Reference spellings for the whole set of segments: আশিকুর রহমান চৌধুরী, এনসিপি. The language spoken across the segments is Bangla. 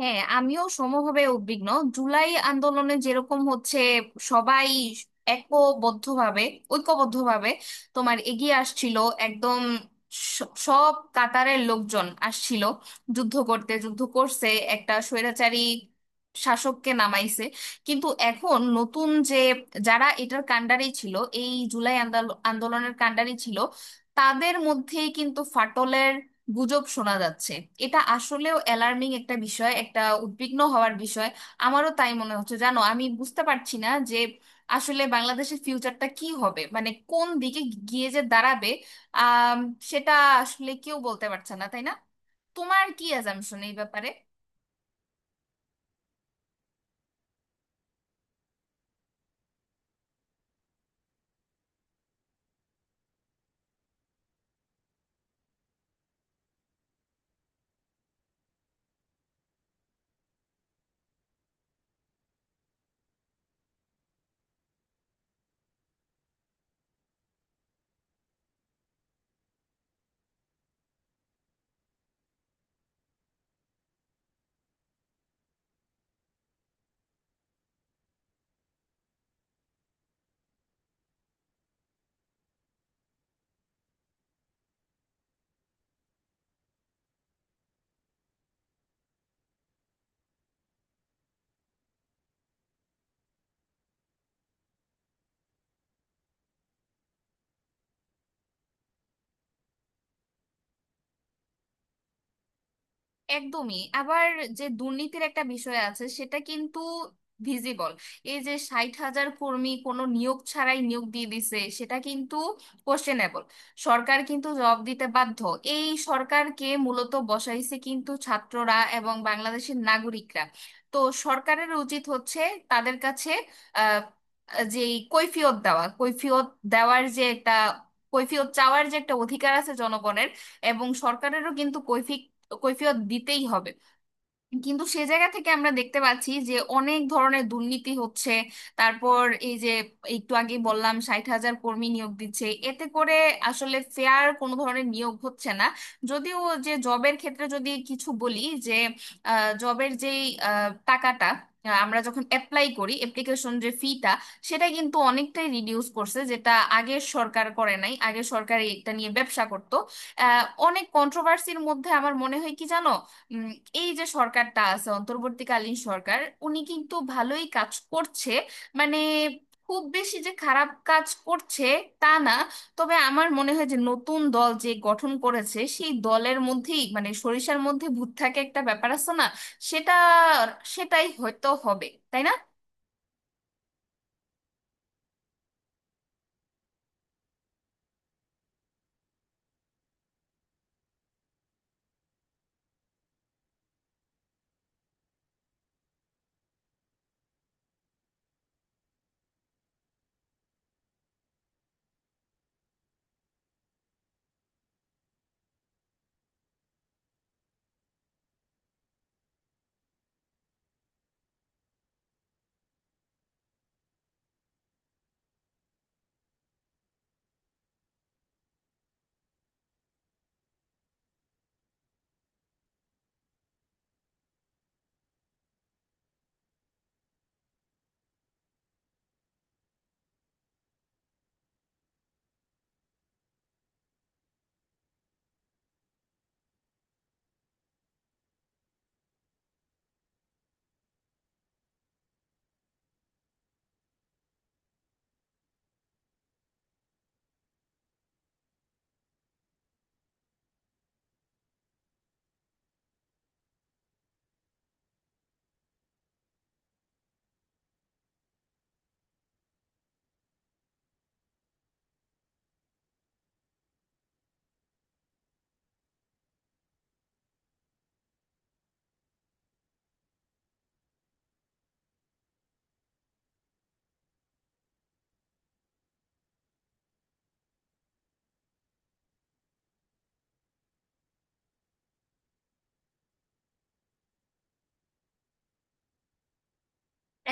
হ্যাঁ, আমিও সমভাবে উদ্বিগ্ন। জুলাই আন্দোলনে যেরকম হচ্ছে সবাই একবদ্ধভাবে ঐক্যবদ্ধভাবে তোমার এগিয়ে আসছিল। একদম সব কাতারের লোকজন আসছিল, যুদ্ধ করতে যুদ্ধ করছে, একটা স্বৈরাচারী শাসককে নামাইছে। কিন্তু এখন নতুন যে, যারা এটার কাণ্ডারি ছিল, এই আন্দোলনের কাণ্ডারি ছিল, তাদের মধ্যেই কিন্তু ফাটলের গুজব শোনা যাচ্ছে। এটা আসলেও অ্যালার্মিং একটা বিষয়, একটা উদ্বিগ্ন হওয়ার বিষয়। আমারও তাই মনে হচ্ছে, জানো, আমি বুঝতে পারছি না যে আসলে বাংলাদেশের ফিউচারটা কি হবে, মানে কোন দিকে গিয়ে যে দাঁড়াবে, আহ সেটা আসলে কেউ বলতে পারছে না, তাই না? তোমার কি অ্যাজাম্পশন এই ব্যাপারে? একদমই। আবার যে দুর্নীতির একটা বিষয় আছে সেটা কিন্তু ভিজিবল। এই যে 60,000 কর্মী কোনো নিয়োগ ছাড়াই নিয়োগ দিয়ে দিছে, সেটা কিন্তু কোশ্চেনেবল। সরকার কিন্তু জবাব দিতে বাধ্য। এই সরকারকে মূলত বসাইছে কিন্তু ছাত্ররা এবং বাংলাদেশের নাগরিকরা। তো সরকারের উচিত হচ্ছে তাদের কাছে আহ যে কৈফিয়ত দেওয়া, কৈফিয়ত দেওয়ার যে একটা, কৈফিয়ত চাওয়ার যে একটা অধিকার আছে জনগণের, এবং সরকারেরও কিন্তু কৈফিয়ত কৈফিয়ত দিতেই হবে। কিন্তু সে জায়গা থেকে আমরা দেখতে পাচ্ছি যে অনেক ধরনের দুর্নীতি হচ্ছে। তারপর এই যে একটু আগে বললাম 60,000 কর্মী নিয়োগ দিচ্ছে, এতে করে আসলে ফেয়ার কোনো ধরনের নিয়োগ হচ্ছে না। যদিও যে জবের ক্ষেত্রে যদি কিছু বলি, যে জবের যেই টাকাটা, আমরা যখন অ্যাপ্লাই করি অ্যাপ্লিকেশন যে ফিটা, সেটা কিন্তু অনেকটাই রিডিউস করছে, যেটা আগের সরকার করে নাই। আগের সরকার এটা নিয়ে ব্যবসা করতো। অনেক কন্ট্রোভার্সির মধ্যে আমার মনে হয় কি জানো, উম, এই যে সরকারটা আছে অন্তর্বর্তীকালীন সরকার, উনি কিন্তু ভালোই কাজ করছে। মানে খুব বেশি যে খারাপ কাজ করছে তা না। তবে আমার মনে হয় যে নতুন দল যে গঠন করেছে সেই দলের মধ্যেই, মানে সরিষার মধ্যে ভূত থাকে একটা ব্যাপার আছে না, সেটা সেটাই হয়তো হবে, তাই না?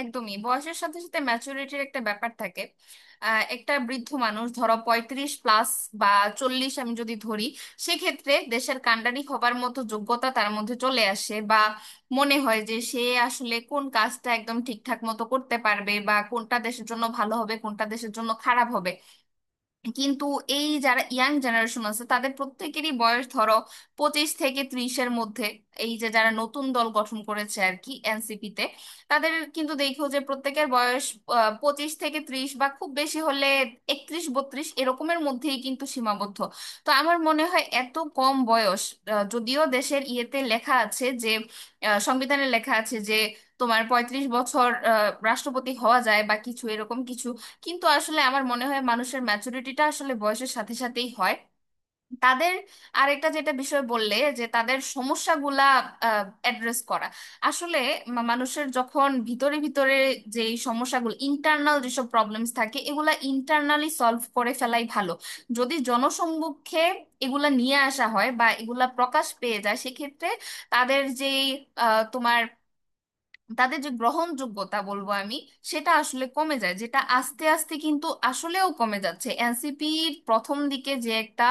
একদমই, বয়সের সাথে সাথে ম্যাচুরিটির একটা ব্যাপার থাকে। একটা বৃদ্ধ মানুষ ধরো 35 প্লাস বা 40 আমি যদি ধরি, সেক্ষেত্রে দেশের কাণ্ডারি হবার মতো যোগ্যতা তার মধ্যে চলে আসে, বা মনে হয় যে সে আসলে কোন কাজটা একদম ঠিকঠাক মতো করতে পারবে, বা কোনটা দেশের জন্য ভালো হবে কোনটা দেশের জন্য খারাপ হবে। কিন্তু এই যারা ইয়াং জেনারেশন আছে, তাদের প্রত্যেকেরই বয়স ধরো 25 থেকে 30-এর মধ্যে। এই যে যারা নতুন দল গঠন করেছে আর কি এনসিপি তে, তাদের কিন্তু দেখো যে প্রত্যেকের বয়স 25 থেকে ত্রিশ, বা খুব বেশি হলে 31 32 এরকমের মধ্যেই কিন্তু সীমাবদ্ধ। তো আমার মনে হয় এত কম বয়স, যদিও দেশের ইয়েতে লেখা আছে যে সংবিধানে লেখা আছে যে তোমার 35 বছর রাষ্ট্রপতি হওয়া যায় বা কিছু এরকম কিছু। কিন্তু আসলে আমার মনে হয় মানুষের ম্যাচুরিটিটা আসলে বয়সের সাথে সাথেই হয়। তাদের আরেকটা যেটা বিষয় বললে যে তাদের সমস্যাগুলা অ্যাড্রেস করা আসলে, মানুষের যখন ভিতরে ভিতরে যে সমস্যাগুলো ইন্টারনাল যেসব প্রবলেমস থাকে, এগুলা ইন্টারনালি সলভ করে ফেলাই ভালো। যদি জনসম্মুখে এগুলা নিয়ে আসা হয় বা এগুলা প্রকাশ পেয়ে যায়, সেক্ষেত্রে তাদের যেই আহ, তোমার তাদের যে গ্রহণযোগ্যতা বলবো আমি, সেটা আসলে কমে যায়, যেটা আস্তে আস্তে কিন্তু আসলেও কমে যাচ্ছে। এনসিপির প্রথম দিকে যে একটা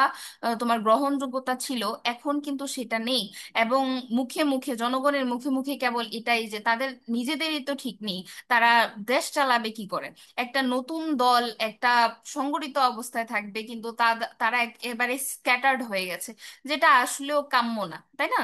আহ, তোমার গ্রহণযোগ্যতা ছিল, এখন কিন্তু সেটা নেই। এবং মুখে মুখে জনগণের মুখে মুখে কেবল এটাই যে তাদের নিজেদেরই তো ঠিক নেই, তারা দেশ চালাবে কি করে। একটা নতুন দল একটা সংগঠিত অবস্থায় থাকবে, কিন্তু তা, তারা একেবারে স্ক্যাটার্ড হয়ে গেছে, যেটা আসলেও কাম্য না, তাই না?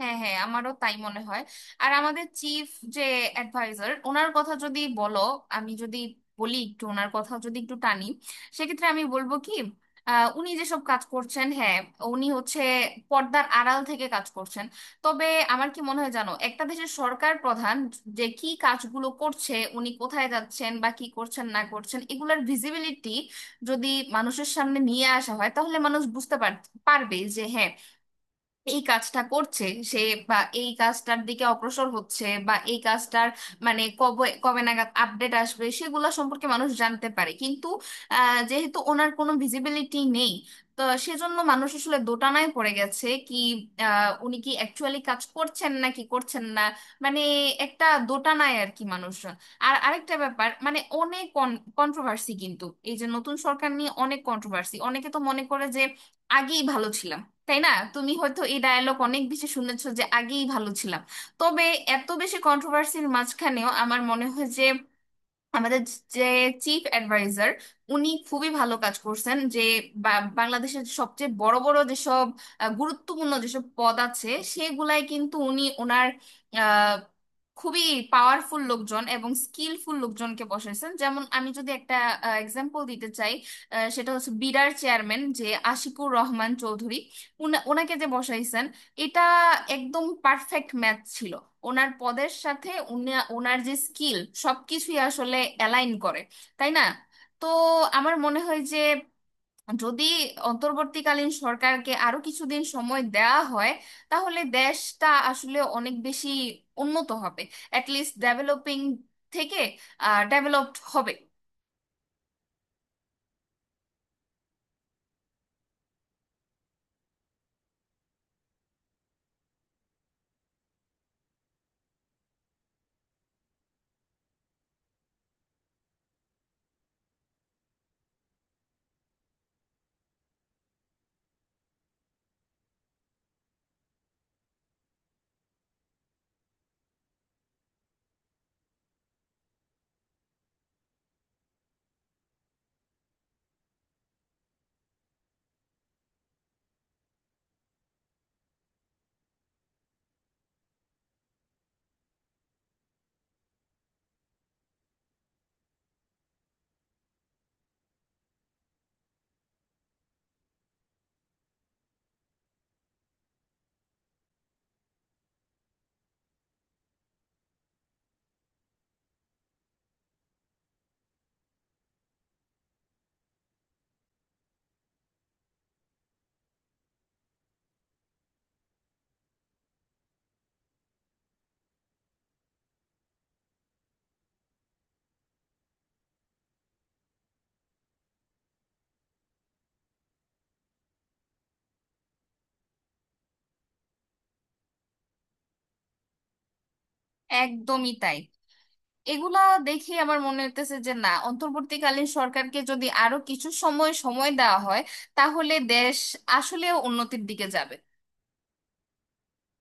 হ্যাঁ, হ্যাঁ, আমারও তাই মনে হয়। আর আমাদের চিফ যে অ্যাডভাইজার, ওনার কথা যদি বলো, আমি যদি বলি একটু ওনার কথা যদি একটু টানি, সেক্ষেত্রে আমি বলবো কি, উনি যেসব কাজ করছেন, হ্যাঁ, উনি হচ্ছে পর্দার আড়াল থেকে কাজ করছেন। তবে আমার কি মনে হয় জানো, একটা দেশের সরকার প্রধান যে কি কাজগুলো করছে, উনি কোথায় যাচ্ছেন বা কি করছেন না করছেন, এগুলোর ভিজিবিলিটি যদি মানুষের সামনে নিয়ে আসা হয়, তাহলে মানুষ বুঝতে পারবে যে হ্যাঁ, এই কাজটা করছে সে, বা এই কাজটার দিকে অগ্রসর হচ্ছে, বা এই কাজটার মানে কবে কবে নাগাদ আপডেট আসবে সেগুলো সম্পর্কে মানুষ জানতে পারে। কিন্তু যেহেতু ওনার কোনো ভিজিবিলিটি নেই, তো সেজন্য মানুষ আসলে দোটানায় পড়ে গেছে কি উনি কি অ্যাকচুয়ালি কাজ করছেন না কি করছেন না, মানে একটা দোটানায় আর কি মানুষজন। আর আরেকটা ব্যাপার, মানে অনেক কন্ট্রোভার্সি কিন্তু, এই যে নতুন সরকার নিয়ে অনেক কন্ট্রোভার্সি, অনেকে তো মনে করে যে আগেই ভালো ছিলাম, তাই না? তুমি হয়তো এই ডায়ালগ অনেক বেশি শুনেছো যে আগেই ভালো ছিলাম। তবে এত বেশি কন্ট্রোভার্সির মাঝখানেও আমার মনে হয় যে আমাদের যে চিফ অ্যাডভাইজার, উনি খুবই ভালো কাজ করছেন। যে বাংলাদেশের সবচেয়ে বড় বড় যেসব গুরুত্বপূর্ণ যেসব পদ আছে, সেগুলাই কিন্তু উনি ওনার খুবই পাওয়ারফুল লোকজন এবং স্কিলফুল লোকজনকে বসাইছেন। যেমন আমি যদি একটা এক্সাম্পল দিতে চাই, সেটা হচ্ছে বিডার চেয়ারম্যান যে আশিকুর রহমান চৌধুরী, ওনাকে যে বসাইছেন, এটা একদম পারফেক্ট ম্যাচ ছিল। ওনার পদের সাথে ওনার যে স্কিল সবকিছুই আসলে অ্যালাইন করে, তাই না? তো আমার মনে হয় যে যদি অন্তর্বর্তীকালীন সরকারকে আরো কিছুদিন সময় দেওয়া হয়, তাহলে দেশটা আসলে অনেক বেশি উন্নত হবে, অ্যাটলিস্ট ডেভেলপিং থেকে ডেভেলপড হবে। একদমই তাই। এগুলা দেখে আমার মনে হইতেছে যে না, অন্তর্বর্তীকালীন সরকারকে যদি আরো কিছু সময় সময় দেওয়া হয়, তাহলে দেশ আসলে উন্নতির দিকে যাবে।